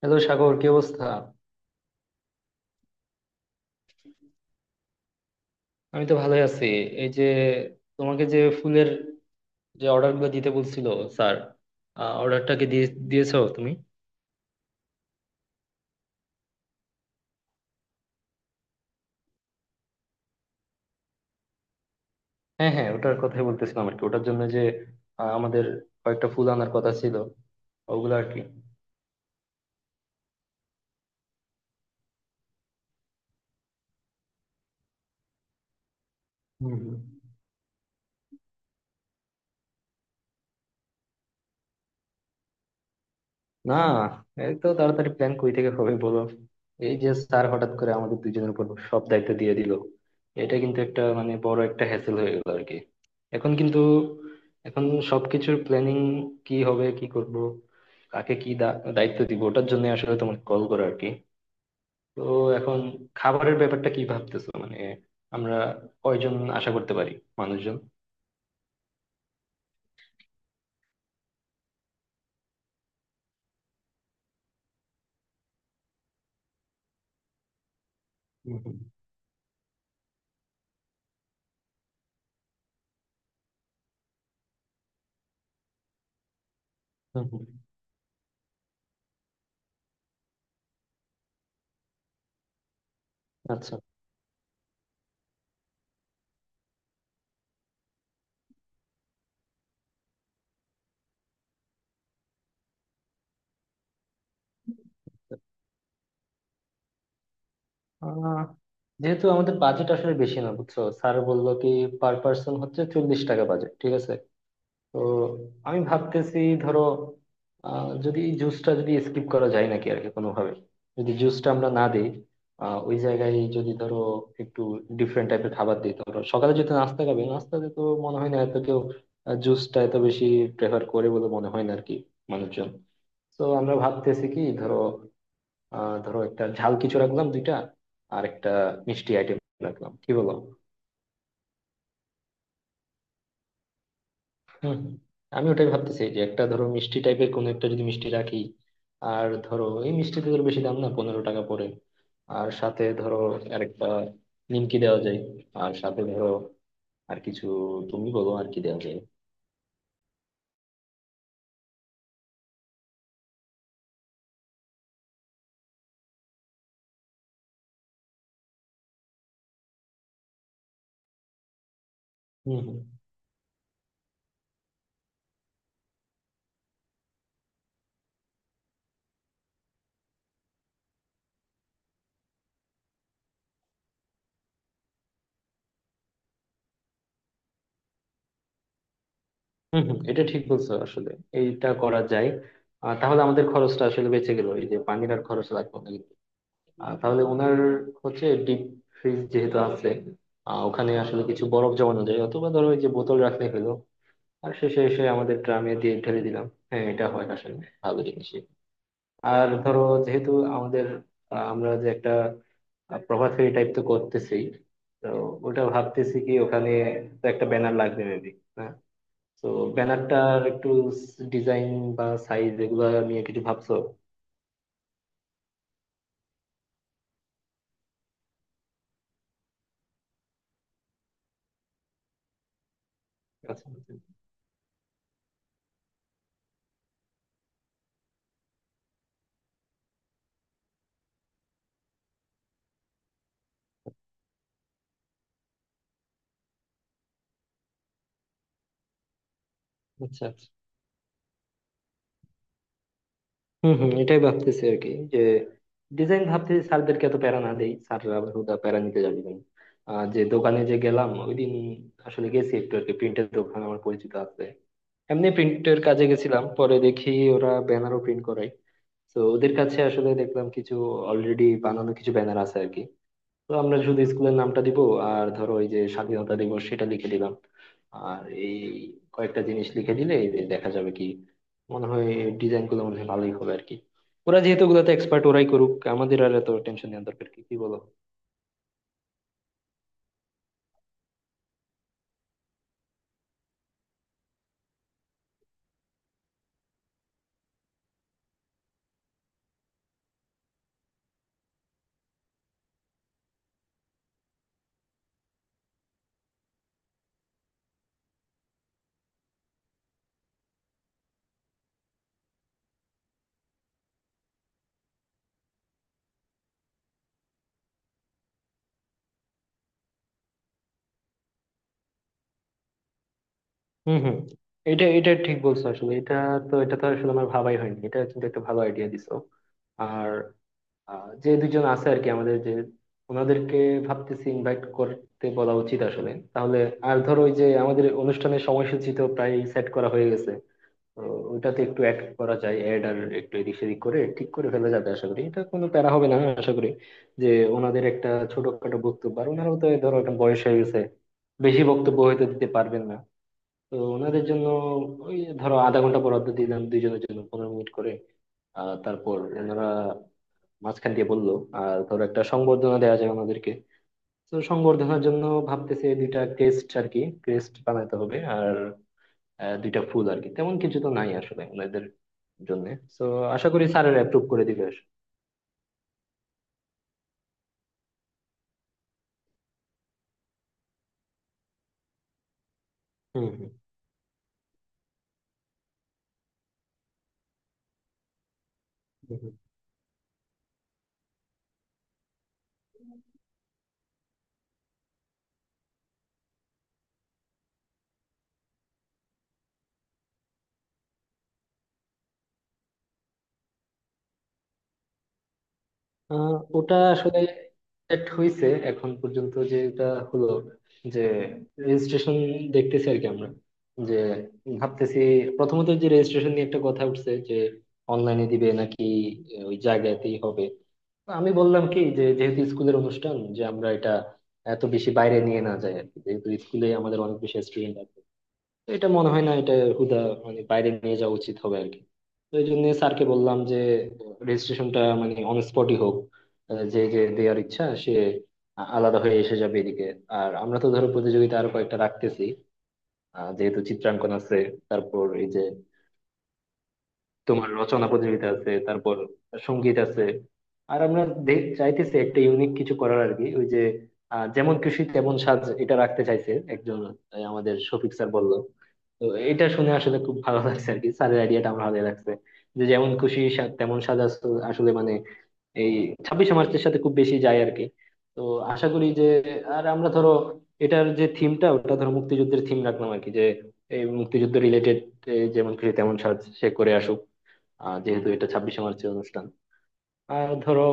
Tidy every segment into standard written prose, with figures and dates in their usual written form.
Hello Sagar কি অবস্থা? আমি তো ভালোই আছি। এই যে, তোমাকে যে ফুলের যে অর্ডার গুলো দিতে বলছিল স্যার, অর্ডারটা কি দিয়ে দিয়েছো তুমি? হ্যাঁ হ্যাঁ, ওটার কথাই বলতেছিলাম আর কি। ওটার জন্য যে আমাদের কয়েকটা ফুল আনার কথা ছিল, ওগুলো আর কি। হম হম। না, এই তো তাড়াতাড়ি প্ল্যান কই থেকে হবে বলো? এই যে স্যার হঠাৎ করে আমাদের দুইজনের উপর সব দায়িত্ব দিয়ে দিল, এটা কিন্তু একটা মানে বড় একটা হ্যাসেল হয়ে গেল আর কি। এখন কিন্তু এখন সবকিছুর প্ল্যানিং কি হবে, কি করব, কাকে কি দায়িত্ব দিব, ওটার জন্য আসলে তোমাকে কল করা আর কি। তো এখন খাবারের ব্যাপারটা কি ভাবতেছো, মানে আমরা কয়জন আশা করতে পারি মানুষজন? হুম হুম। হুম হুম। আচ্ছা। আহ, যেহেতু আমাদের বাজেট আসলে বেশি না, বুঝছো, স্যার বললো কি পার পার্সন হচ্ছে 40 টাকা বাজেট, ঠিক আছে। তো আমি ভাবতেছি ধরো, যদি জুসটা যদি স্কিপ করা যায় নাকি আর কি, কোনোভাবে যদি জুসটা আমরা না দিই, ওই জায়গায় যদি ধরো একটু ডিফারেন্ট টাইপের খাবার দিই। ধরো সকালে যদি নাস্তা খাবে, নাস্তাতে তো মনে হয় না এত কেউ জুসটা এত বেশি প্রেফার করে বলে মনে হয় না আর কি মানুষজন। তো আমরা ভাবতেছি কি, ধরো ধরো একটা ঝাল কিছু রাখলাম দুইটা, আর একটা মিষ্টি আইটেম রাখলাম, কি বলো? হুম হুম। আমি ওটাই ভাবতেছি, যে একটা ধরো মিষ্টি টাইপের কোনো একটা, যদি মিষ্টি রাখি আর ধরো এই মিষ্টিতে ধরো বেশি দাম না, 15 টাকা পড়ে। আর সাথে ধরো আরেকটা নিমকি দেওয়া যায়। আর সাথে ধরো আর কিছু তুমি বলো আর কি দেওয়া যায়। হুম হুম। হুম হুম, এটা ঠিক বলছো আসলে, এইটা করা যায়। আর তাহলে আমাদের খরচটা আসলে বেঁচে গেল, এই যে পানির আর খরচ লাগবে না। তাহলে ওনার হচ্ছে ডিপ ফ্রিজ যেহেতু আছে, ওখানে আসলে কিছু বরফ জমানো যায়, অথবা ধরো ওই যে বোতল রাখতে হলো, আর শেষে এসে আমাদের ড্রামে দিয়ে ঢেলে দিলাম। হ্যাঁ, এটা হয় আসলে ভালো জিনিসই। আর ধরো যেহেতু আমাদের আমরা যে একটা প্রভাত ফেরি টাইপ তো করতেছি, তো ওটা ভাবতেছি কি, ওখানে তো একটা ব্যানার লাগবে মেবি। হ্যাঁ। তো ব্যানারটার একটু ডিজাইন বা সাইজ এগুলো নিয়ে কিছু ভাবছো? আচ্ছা। আচ্ছা। হম হম, এটাই ভাবতেছি আর কি, যে ডিজাইন ভাবতেছি স্যারদেরকে এত প্যারা না দেই, স্যাররা আবার হুদা প্যারা নিতে যাবে কেন। আর যে দোকানে যে গেলাম ওই দিন, আসলে গেছি একটু আর কি, প্রিন্টের দোকান আমার পরিচিত আছে। এমনি প্রিন্টের কাজে গেছিলাম, পরে দেখি ওরা ব্যানারও প্রিন্ট করায়। তো ওদের কাছে আসলে দেখলাম, কিছু অলরেডি বানানো কিছু ব্যানার আছে আর কি। তো আমরা শুধু স্কুলের নামটা দিব, আর ধরো ওই যে স্বাধীনতা দিবস সেটা লিখে দিলাম, আর এই কয়েকটা জিনিস লিখে দিলে এই যে দেখা যাবে কি মনে হয় ডিজাইন গুলো মনে হয় ভালোই হবে আর কি। ওরা যেহেতু ওগুলোতে এক্সপার্ট, ওরাই করুক, আমাদের আর এত টেনশন নেওয়ার দরকার কি, কি বলো? হুম হুম। এটা এটা ঠিক বলছো আসলে, এটা তো আসলে আমার ভাবাই হয়নি, এটা কিন্তু একটা ভালো আইডিয়া দিছো। আহ, যে দুজন আছে আর কি আমাদের, যে ওনাদেরকে ভাবতেছি ইনভাইট করতে বলা উচিত আসলে, তাহলে আর ধরো ওই যে আমাদের অনুষ্ঠানের সময়সূচি তো প্রায় সেট করা হয়ে গেছে, তো ওটাতে একটু অ্যাড করা যায়, অ্যাড আর একটু এদিক সেদিক করে ঠিক করে ফেলা যাবে, আশা করি এটা কোনো প্যারা হবে না, হ্যাঁ, আশা করি। যে ওনাদের একটা ছোটখাটো বক্তব্য, আর ওনারাও তো ধরো একটা বয়স হয়ে গেছে, বেশি বক্তব্য হয়তো দিতে পারবেন না, তো ওনাদের জন্য ওই ধরো আধা ঘন্টা বরাদ্দ দিলাম, দুইজনের জন্য 15 মিনিট করে। আহ, তারপর ওনারা মাঝখান দিয়ে বললো, আর ধরো একটা সংবর্ধনা দেওয়া যায় আমাদেরকে। তো সংবর্ধনার জন্য ভাবতেছে দুইটা ক্রেস্ট আর কি, ক্রেস্ট বানাতে হবে, আর দুইটা ফুল আর কি, তেমন কিছু তো নাই আসলে ওনাদের জন্য। তো আশা করি স্যারের অ্যাপ্রুভ করে দিবে। হুম হুম। হুম, হুম। আহ, ওটা আসলে সেট হয়েছে এখন পর্যন্ত, যে এটা হলো যে রেজিস্ট্রেশন দেখতেছি আর কি আমরা, যে ভাবতেছি, প্রথমত যে রেজিস্ট্রেশন নিয়ে একটা কথা উঠছে যে অনলাইনে দিবে নাকি ওই জায়গাতেই হবে। না, আমি বললাম কি, যে যেহেতু স্কুলের অনুষ্ঠান, যে আমরা এটা এত বেশি বাইরে নিয়ে না যাই আর কি, যেহেতু স্কুলে আমাদের অনেক বেশি স্টুডেন্ট আছে। তো এটা মনে হয় না, এটা হুদা মানে বাইরে নিয়ে যাওয়া উচিত হবে আর কি। তো এই জন্য স্যারকে বললাম যে রেজিস্ট্রেশনটা মানে অন স্পটই হোক, যে যে দেওয়ার ইচ্ছা সে আলাদা হয়ে এসে যাবে এদিকে। আর আমরা তো ধরো প্রতিযোগিতা আরো কয়েকটা রাখতেছি, যেহেতু চিত্রাঙ্কন আছে, তারপর এই যে তোমার রচনা প্রতিযোগিতা আছে, তারপর সঙ্গীত আছে। আর আমরা চাইতেছি একটা ইউনিক কিছু করার আর কি, ওই যে যেমন খুশি তেমন সাজ, এটা রাখতে চাইছে একজন, এই আমাদের শফিক স্যার বললো। তো এটা শুনে আসলে খুব ভালো লাগছে আর কি, স্যারের আইডিয়াটা আমার ভালো লাগছে। যে যেমন খুশি তেমন আসলে মানে এই 26শে মার্চের সাথে খুব বেশি যায় আর কি। তো আশা করি যে, আর আমরা ধরো এটার যে থিমটা, ওটা ধরো মুক্তিযুদ্ধের থিম রাখলাম আর কি, যে এই মুক্তিযুদ্ধ রিলেটেড যেমন খুশি তেমন সাজ সে করে আসুক, যেহেতু এটা 26শে মার্চের অনুষ্ঠান। আর ধরো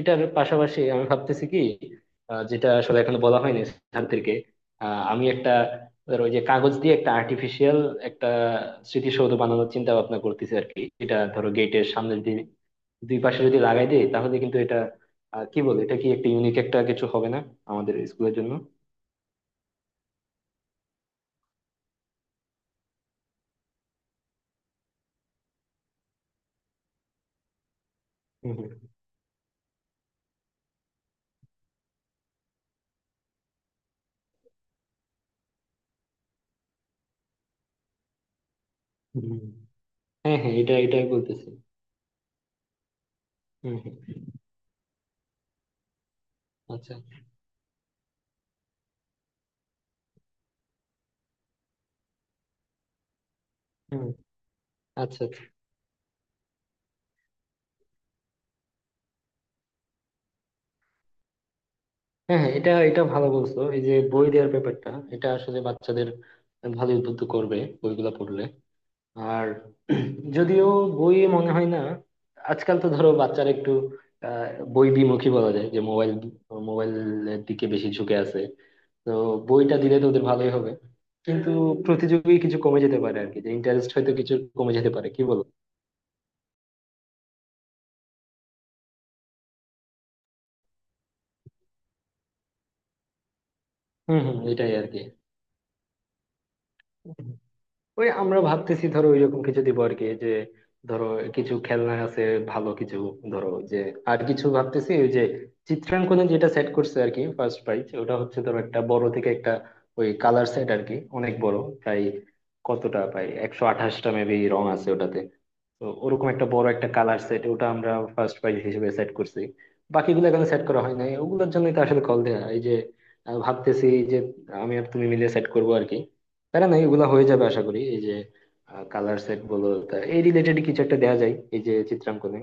এটার পাশাপাশি আমি ভাবতেছি কি, যেটা আসলে এখনো বলা হয়নি ছাত্রীকে, আমি একটা ধরো ওই যে কাগজ দিয়ে একটা আর্টিফিশিয়াল একটা স্মৃতিসৌধ বানানোর চিন্তা ভাবনা করতেছি আর কি। এটা ধরো গেটের সামনে যদি দুই পাশে যদি লাগাই দিই তাহলে কিন্তু এটা কি বলে, এটা কি একটা ইউনিক একটা কিছু হবে না আমাদের স্কুলের জন্য? হুম হুম। হুম। হ্যাঁ হ্যাঁ, এটা এটাই বলতেছি। হম হম। আচ্ছা। হুম। আচ্ছা আচ্ছা। হ্যাঁ হ্যাঁ, এটা এটা ভালো বলছো, এই যে বই দেওয়ার ব্যাপারটা, এটা আসলে বাচ্চাদের ভালো উদ্বুদ্ধ করবে বইগুলা পড়লে। আর যদিও বইয়ে মনে হয় না, আজকাল তো ধরো বাচ্চারা একটু আহ, বই বিমুখী বলা যায়, যে মোবাইল মোবাইলের দিকে বেশি ঝুঁকে আছে। তো বইটা দিলে তো ওদের ভালোই হবে, কিন্তু প্রতিযোগী কিছু কমে যেতে পারে আর কি, যে ইন্টারেস্ট হয়তো কিছু কমে যেতে পারে, কি বলো? হম হম, এটাই আর কি। ওই আমরা ভাবতেছি ধরো ওইরকম কিছু দিব আর কি, যে ধরো কিছু খেলনা আছে ভালো কিছু, ধরো যে। আর কিছু ভাবতেছি, ওই যে চিত্রাঙ্কনে যেটা সেট করছে আর কি, ফার্স্ট প্রাইজ ওটা হচ্ছে ধরো একটা বড় থেকে একটা ওই কালার সেট আর কি, অনেক বড়, প্রায় কতটা প্রায় 128টা মেবি রং আছে ওটাতে। তো ওরকম একটা বড় একটা কালার সেট ওটা আমরা ফার্স্ট প্রাইজ হিসেবে সেট করছি। বাকিগুলো এখনো সেট করা হয় নাই, ওগুলোর জন্যই তো আসলে কল দেয়া এই যে। ভাবতেছি যে আমি আর তুমি মিলে সেট করবো আর কি, প্যারা নাই এগুলো হয়ে যাবে আশা করি। এই যে কালার সেট বলো তা, এই রিলেটেড কিছু একটা দেয়া যায় এই যে চিত্রাঙ্কনে,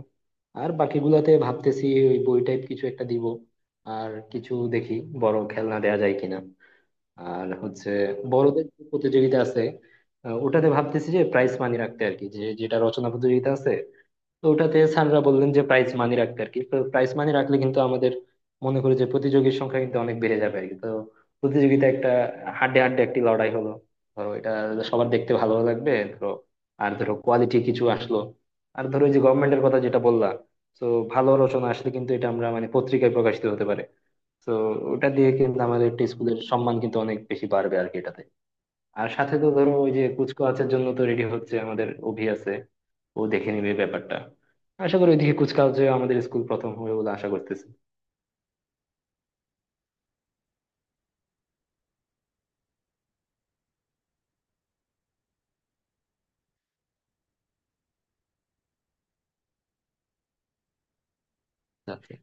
আর বাকিগুলাতে ভাবতেছি ওই বই টাইপ কিছু একটা দিব। আর কিছু দেখি বড় খেলনা দেয়া যায় কিনা। আর হচ্ছে বড়দের যে প্রতিযোগিতা আছে, ওটাতে ভাবতেছি যে প্রাইজ মানি রাখতে আর কি, যে যেটা রচনা প্রতিযোগিতা আছে তো ওটাতে স্যাররা বললেন যে প্রাইজ মানি রাখতে আর কি। তো প্রাইজ মানি রাখলে কিন্তু আমাদের মনে করি যে প্রতিযোগীর সংখ্যা কিন্তু অনেক বেড়ে যাবে আর কি, তো প্রতিযোগিতা একটা হাড্ডে হাড্ডে একটি লড়াই হলো ধরো, এটা সবার দেখতে ভালো লাগবে ধরো, আর ধরো কোয়ালিটি কিছু আসলো। আর ধরো এই যে গভর্নমেন্টের কথা যেটা বললা, তো ভালো রচনা আসলে কিন্তু এটা আমরা মানে পত্রিকায় প্রকাশিত হতে পারে, তো ওটা দিয়ে কিন্তু আমাদের একটা স্কুলের সম্মান কিন্তু অনেক বেশি বাড়বে আর কি এটাতে। আর সাথে তো ধরো ওই যে কুচকাওয়াজের জন্য তো রেডি হচ্ছে, আমাদের অভি আছে, ও দেখে নিবে ব্যাপারটা। আশা করি ওইদিকে কুচকাওয়াজে আমাদের স্কুল প্রথম হবে বলে আশা করতেছি। আচ্ছা।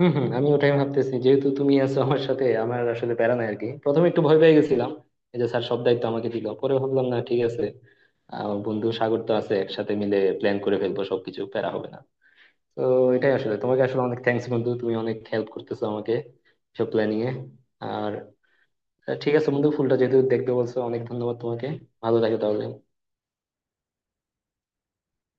হম হম, আমি ওটাই ভাবতেছি, যেহেতু তুমি আছো আমার সাথে, আমার আসলে প্যারা নাই আর কি। প্রথমে একটু ভয় পেয়ে গেছিলাম, এই যে স্যার সব দায়িত্ব আমাকে দিল, পরে ভাবলাম না ঠিক আছে, আহ বন্ধু সাগর তো আছে, একসাথে মিলে প্ল্যান করে ফেলবো সবকিছু, প্যারা হবে না। তো এটাই আসলে, তোমাকে আসলে অনেক থ্যাঙ্কস বন্ধু, তুমি অনেক হেল্প করতেছো আমাকে সব প্ল্যানিং এ। আর ঠিক আছে বন্ধু, ফুলটা যেহেতু দেখতে বলছো, অনেক ধন্যবাদ তোমাকে। ভালো থাকো তাহলে।